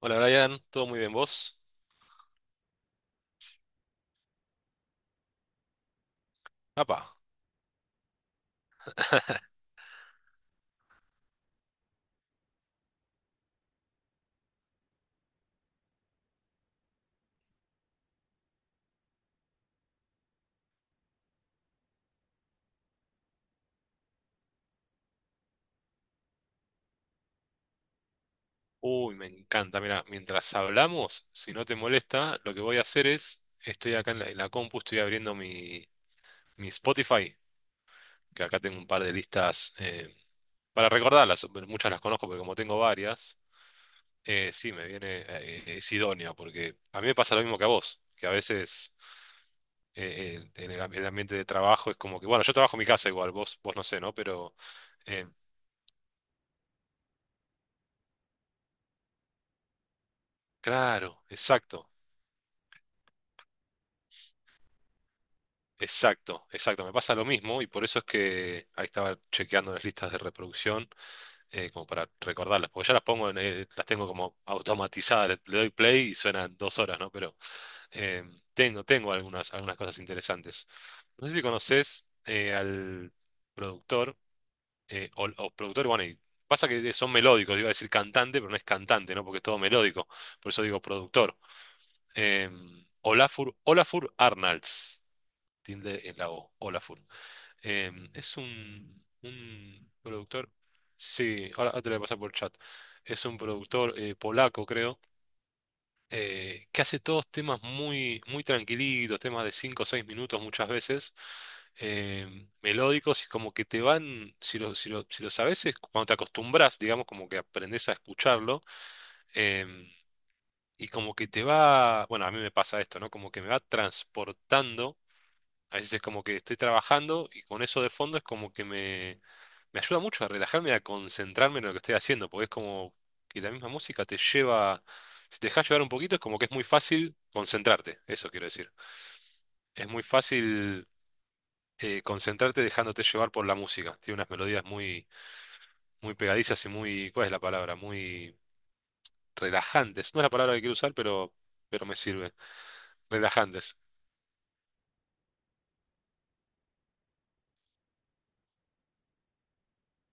Hola Brian, ¿todo muy bien vos? Apa. Uy, me encanta. Mira, mientras hablamos, si no te molesta, lo que voy a hacer es, estoy acá en la compu, estoy abriendo mi Spotify, que acá tengo un par de listas para recordarlas, pero muchas las conozco, pero como tengo varias, sí, me viene, es idóneo, porque a mí me pasa lo mismo que a vos, que a veces el ambiente de trabajo es como que, bueno, yo trabajo en mi casa igual, vos no sé, ¿no? Pero, eh, claro, exacto. Exacto, exacto, me pasa lo mismo y por eso es que ahí estaba chequeando las listas de reproducción como para recordarlas, porque ya las pongo, las tengo como automatizadas, le doy play y suenan 2 horas, ¿no? Pero eh, tengo algunas, algunas cosas interesantes. No sé si conoces al productor o, productor, bueno, y pasa que son melódicos, iba a decir cantante, pero no es cantante, ¿no? Porque es todo melódico, por eso digo productor. Olafur, Olafur Arnalds, tilde en la O, Olafur. Es un productor. Sí, ahora te lo voy a pasar por chat. Es un productor polaco, creo, que hace todos temas muy, muy tranquilitos, temas de 5 o 6 minutos muchas veces, melódicos y como que te van, si lo sabes, es cuando te acostumbras, digamos, como que aprendes a escucharlo, em, y como que te va, bueno, a mí me pasa esto, ¿no? Como que me va transportando, a veces es como que estoy trabajando y con eso de fondo es como que me ayuda mucho a relajarme y a concentrarme en lo que estoy haciendo, porque es como que la misma música te lleva, si te dejas llevar un poquito, es como que es muy fácil concentrarte, eso quiero decir. Es muy fácil concentrarte dejándote llevar por la música. Tiene unas melodías muy, muy pegadizas y muy, ¿cuál es la palabra? Muy relajantes. No es la palabra que quiero usar, pero me sirve. Relajantes.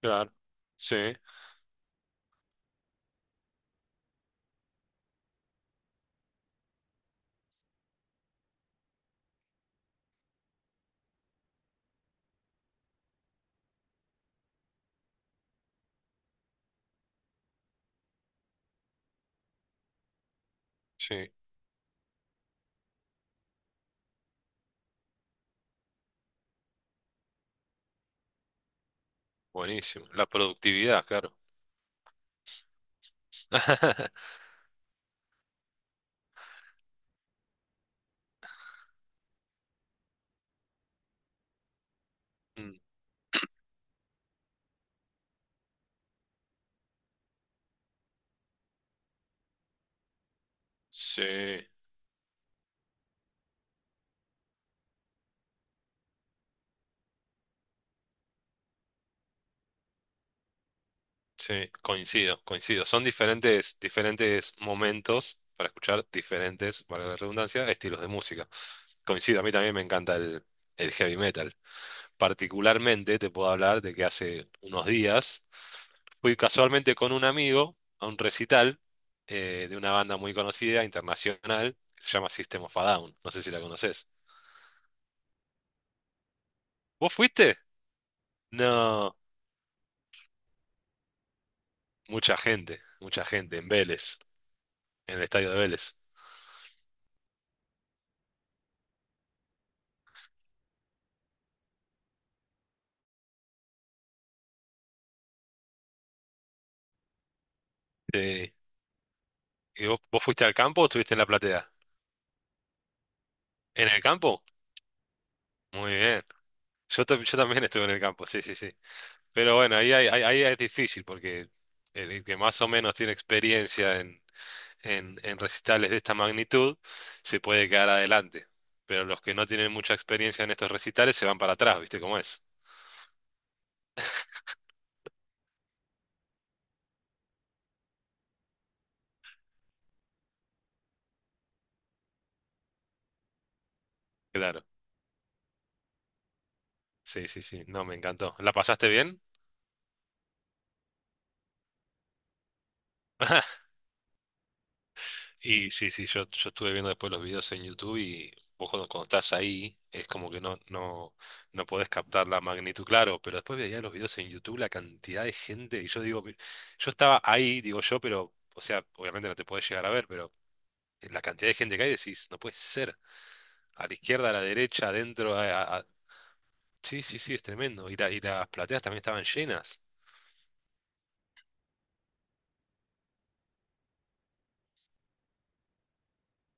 Claro. Sí, sí. Buenísimo. La productividad, claro. Mm, sí, sí, coincido, coincido. Son diferentes, diferentes momentos para escuchar diferentes, para la redundancia, estilos de música. Coincido, a mí también me encanta el heavy metal. Particularmente te puedo hablar de que hace unos días fui casualmente con un amigo a un recital de una banda muy conocida, internacional, que se llama System of a Down. No sé si la conoces. ¿Vos fuiste? No, mucha gente en Vélez, en el estadio de Vélez. Sí. ¿Y vos fuiste al campo o estuviste en la platea? ¿En el campo? Muy bien. Yo también estuve en el campo, sí, sí, sí. Pero bueno, ahí es difícil porque el que más o menos tiene experiencia en recitales de esta magnitud se puede quedar adelante. Pero los que no tienen mucha experiencia en estos recitales se van para atrás, ¿viste cómo es? Claro. Sí, sí, sí. No, me encantó. ¿La pasaste bien? Y sí, sí, yo estuve viendo después los videos en YouTube y vos cuando estás ahí es como que no podés captar la magnitud, claro, pero después veía los videos en YouTube, la cantidad de gente, y yo digo, yo estaba ahí, digo yo, pero, o sea, obviamente no te podés llegar a ver, pero la cantidad de gente que hay decís, no puede ser, a la izquierda, a la derecha, adentro, sí, sí, sí, es tremendo, y, y las plateas también estaban llenas.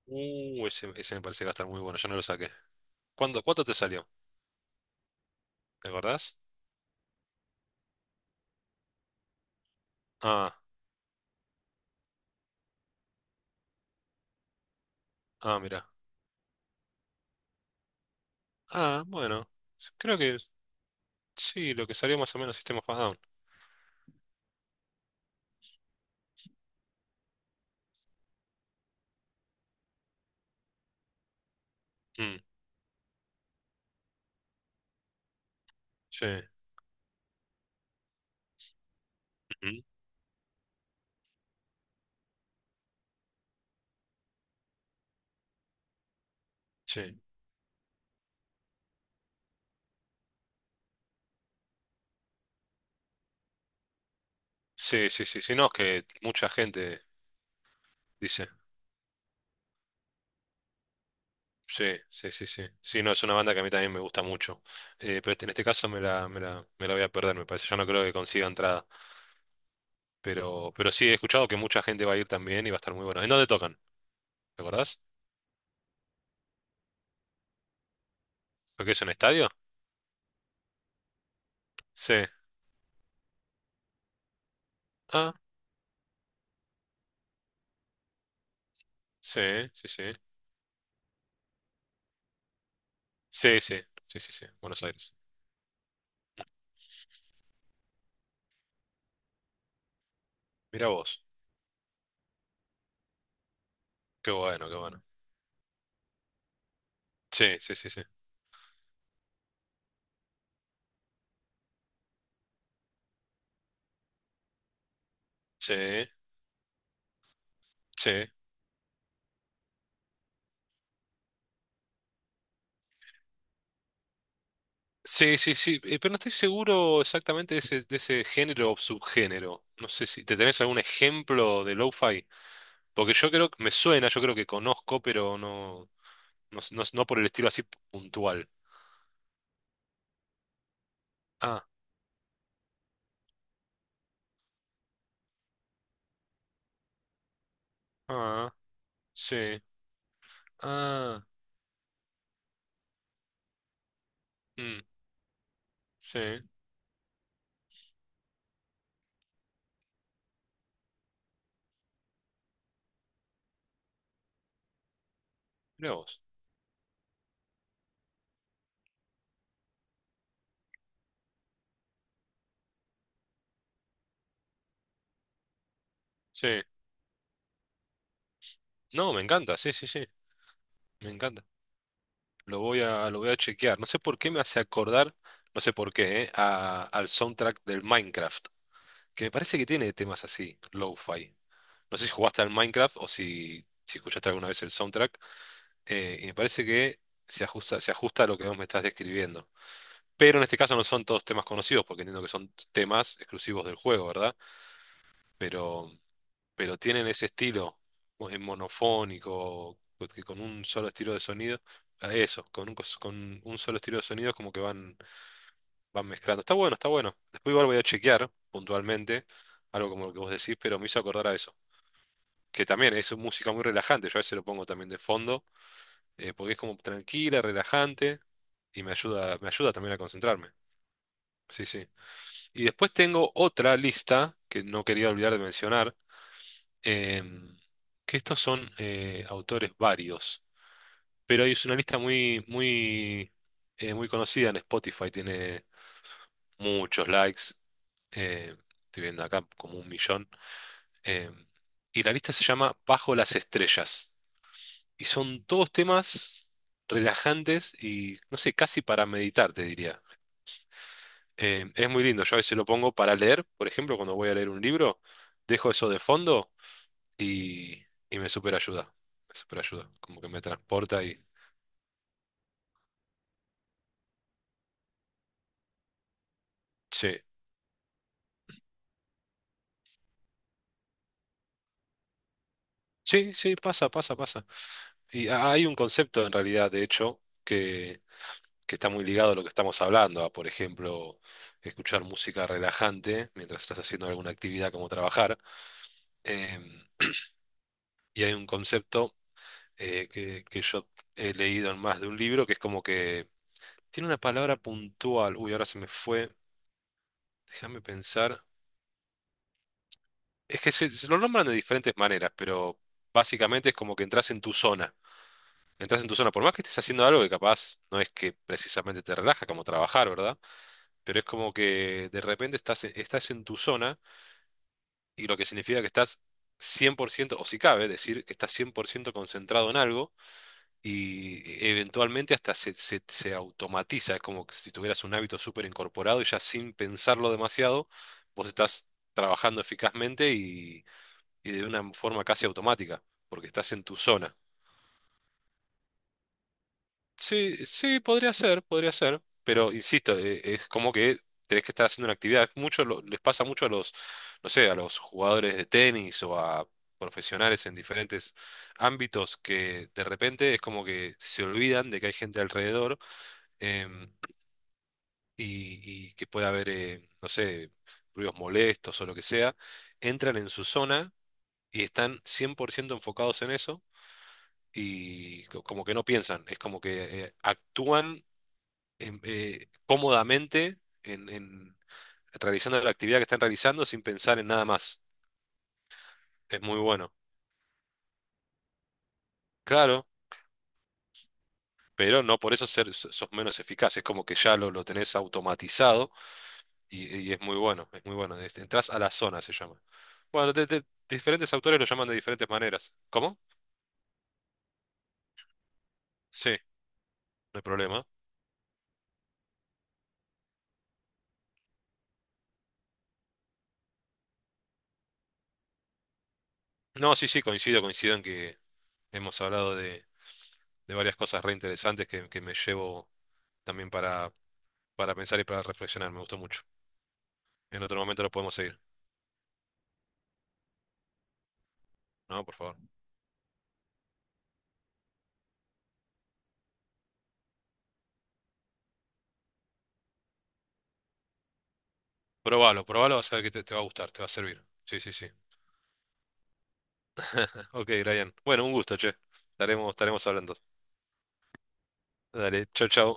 Ese me parece que va a estar muy bueno, yo no lo saqué. ¿Cuánto te salió? ¿Te acordás? Ah, ah, mira. Ah, bueno, creo que sí, lo que salió más o menos System of a Down. Mm, sí, ujú, sí, sí, sí, sí, sí, no, es que mucha gente dice, sí, sí, sí, sí, sí, no, es una banda que a mí también me gusta mucho. Pero en este caso me la voy a perder, me parece, yo no creo que consiga entrada, pero, sí, he escuchado que mucha gente va a ir también y va a estar muy bueno. ¿En dónde tocan? ¿Te acordás? ¿Lo que es un estadio? Sí, ah, sí, sí, sí, sí, sí, sí, sí, sí, Buenos Aires. Mira vos, qué bueno, qué bueno. Sí, sí, sí, sí. Sí. Sí. Sí, sí, sí, pero no estoy seguro exactamente de ese género o subgénero. No sé si te tenés algún ejemplo de lo-fi, porque yo creo que me suena, yo creo que conozco, pero no por el estilo así puntual. Ah, ah, sí, ah, mm, sí, mirá vos, sí. No, me encanta, sí, sí, sí, me encanta. Lo voy a chequear. No sé por qué me hace acordar, no sé por qué, al soundtrack del Minecraft, que me parece que tiene temas así, lo-fi. No sé si jugaste al Minecraft o si escuchaste alguna vez el soundtrack. Y me parece que se ajusta a lo que vos me estás describiendo. Pero en este caso no son todos temas conocidos, porque entiendo que son temas exclusivos del juego, ¿verdad? Pero, pero tienen ese estilo monofónico, pues, que con un solo estilo de sonido. Ah, eso, con un solo estilo de sonido es como que van mezclando. Está bueno, está bueno. Después igual voy a chequear puntualmente algo como lo que vos decís, pero me hizo acordar a eso. Que también es música muy relajante, yo a veces lo pongo también de fondo, porque es como tranquila, relajante, y me ayuda también a concentrarme. Sí, sí. Y después tengo otra lista que no quería olvidar de mencionar, em, que estos son autores varios, pero es una lista muy, muy, muy conocida en Spotify, tiene muchos likes, eh, estoy viendo acá como 1 millón, em, y la lista se llama Bajo las Estrellas. Y son todos temas relajantes y, no sé, casi para meditar, te diría. Es muy lindo, yo a veces lo pongo para leer, por ejemplo, cuando voy a leer un libro, dejo eso de fondo y, y, me super ayuda, como que me transporta y, sí, sí, sí, pasa, pasa, pasa. Y hay un concepto en realidad, de hecho, que está muy ligado a lo que estamos hablando, a, por ejemplo, escuchar música relajante mientras estás haciendo alguna actividad como trabajar. em, y hay un concepto que yo he leído en más de un libro, que es como que tiene una palabra puntual. Uy, ahora se me fue. Déjame pensar. Es que se lo nombran de diferentes maneras, pero básicamente es como que entras en tu zona. Entras en tu zona, por más que estés haciendo algo que capaz no es que precisamente te relaja como trabajar, ¿verdad? Pero es como que de repente estás en tu zona y lo que significa que estás 100% o si cabe decir que estás 100% concentrado en algo y eventualmente hasta se automatiza, es como que si tuvieras un hábito súper incorporado y ya sin pensarlo demasiado, vos estás trabajando eficazmente y, de una forma casi automática, porque estás en tu zona. Sí, sí, podría ser, pero insisto, es como que tenés que estar haciendo una actividad. Mucho les pasa mucho a los, no sé, a los jugadores de tenis o a profesionales en diferentes ámbitos que de repente es como que se olvidan de que hay gente alrededor, em, y que pueda haber, no sé, ruidos molestos o lo que sea, entran en su zona y están 100% enfocados en eso y como que no piensan, es como que actúan cómodamente, realizando la actividad que están realizando sin pensar en nada más. Es muy bueno, claro, pero no por eso sos menos eficaz, es como que ya lo tenés automatizado. Y es muy bueno, es muy bueno. Entrás a la zona, se llama. Bueno, diferentes autores lo llaman de diferentes maneras. ¿Cómo? Sí, no hay problema. No, sí, sí, coincido, coincido en que hemos hablado de varias cosas re interesantes que, me llevo también para pensar y para reflexionar. Me gustó mucho. En otro momento lo podemos seguir, ¿no? Por favor. Probalo, probalo, vas a ver que te va a gustar, te va a servir. Sí, sí, sí. Ok, Brian. Bueno, un gusto, che. Estaremos hablando. Dale, chau, chau.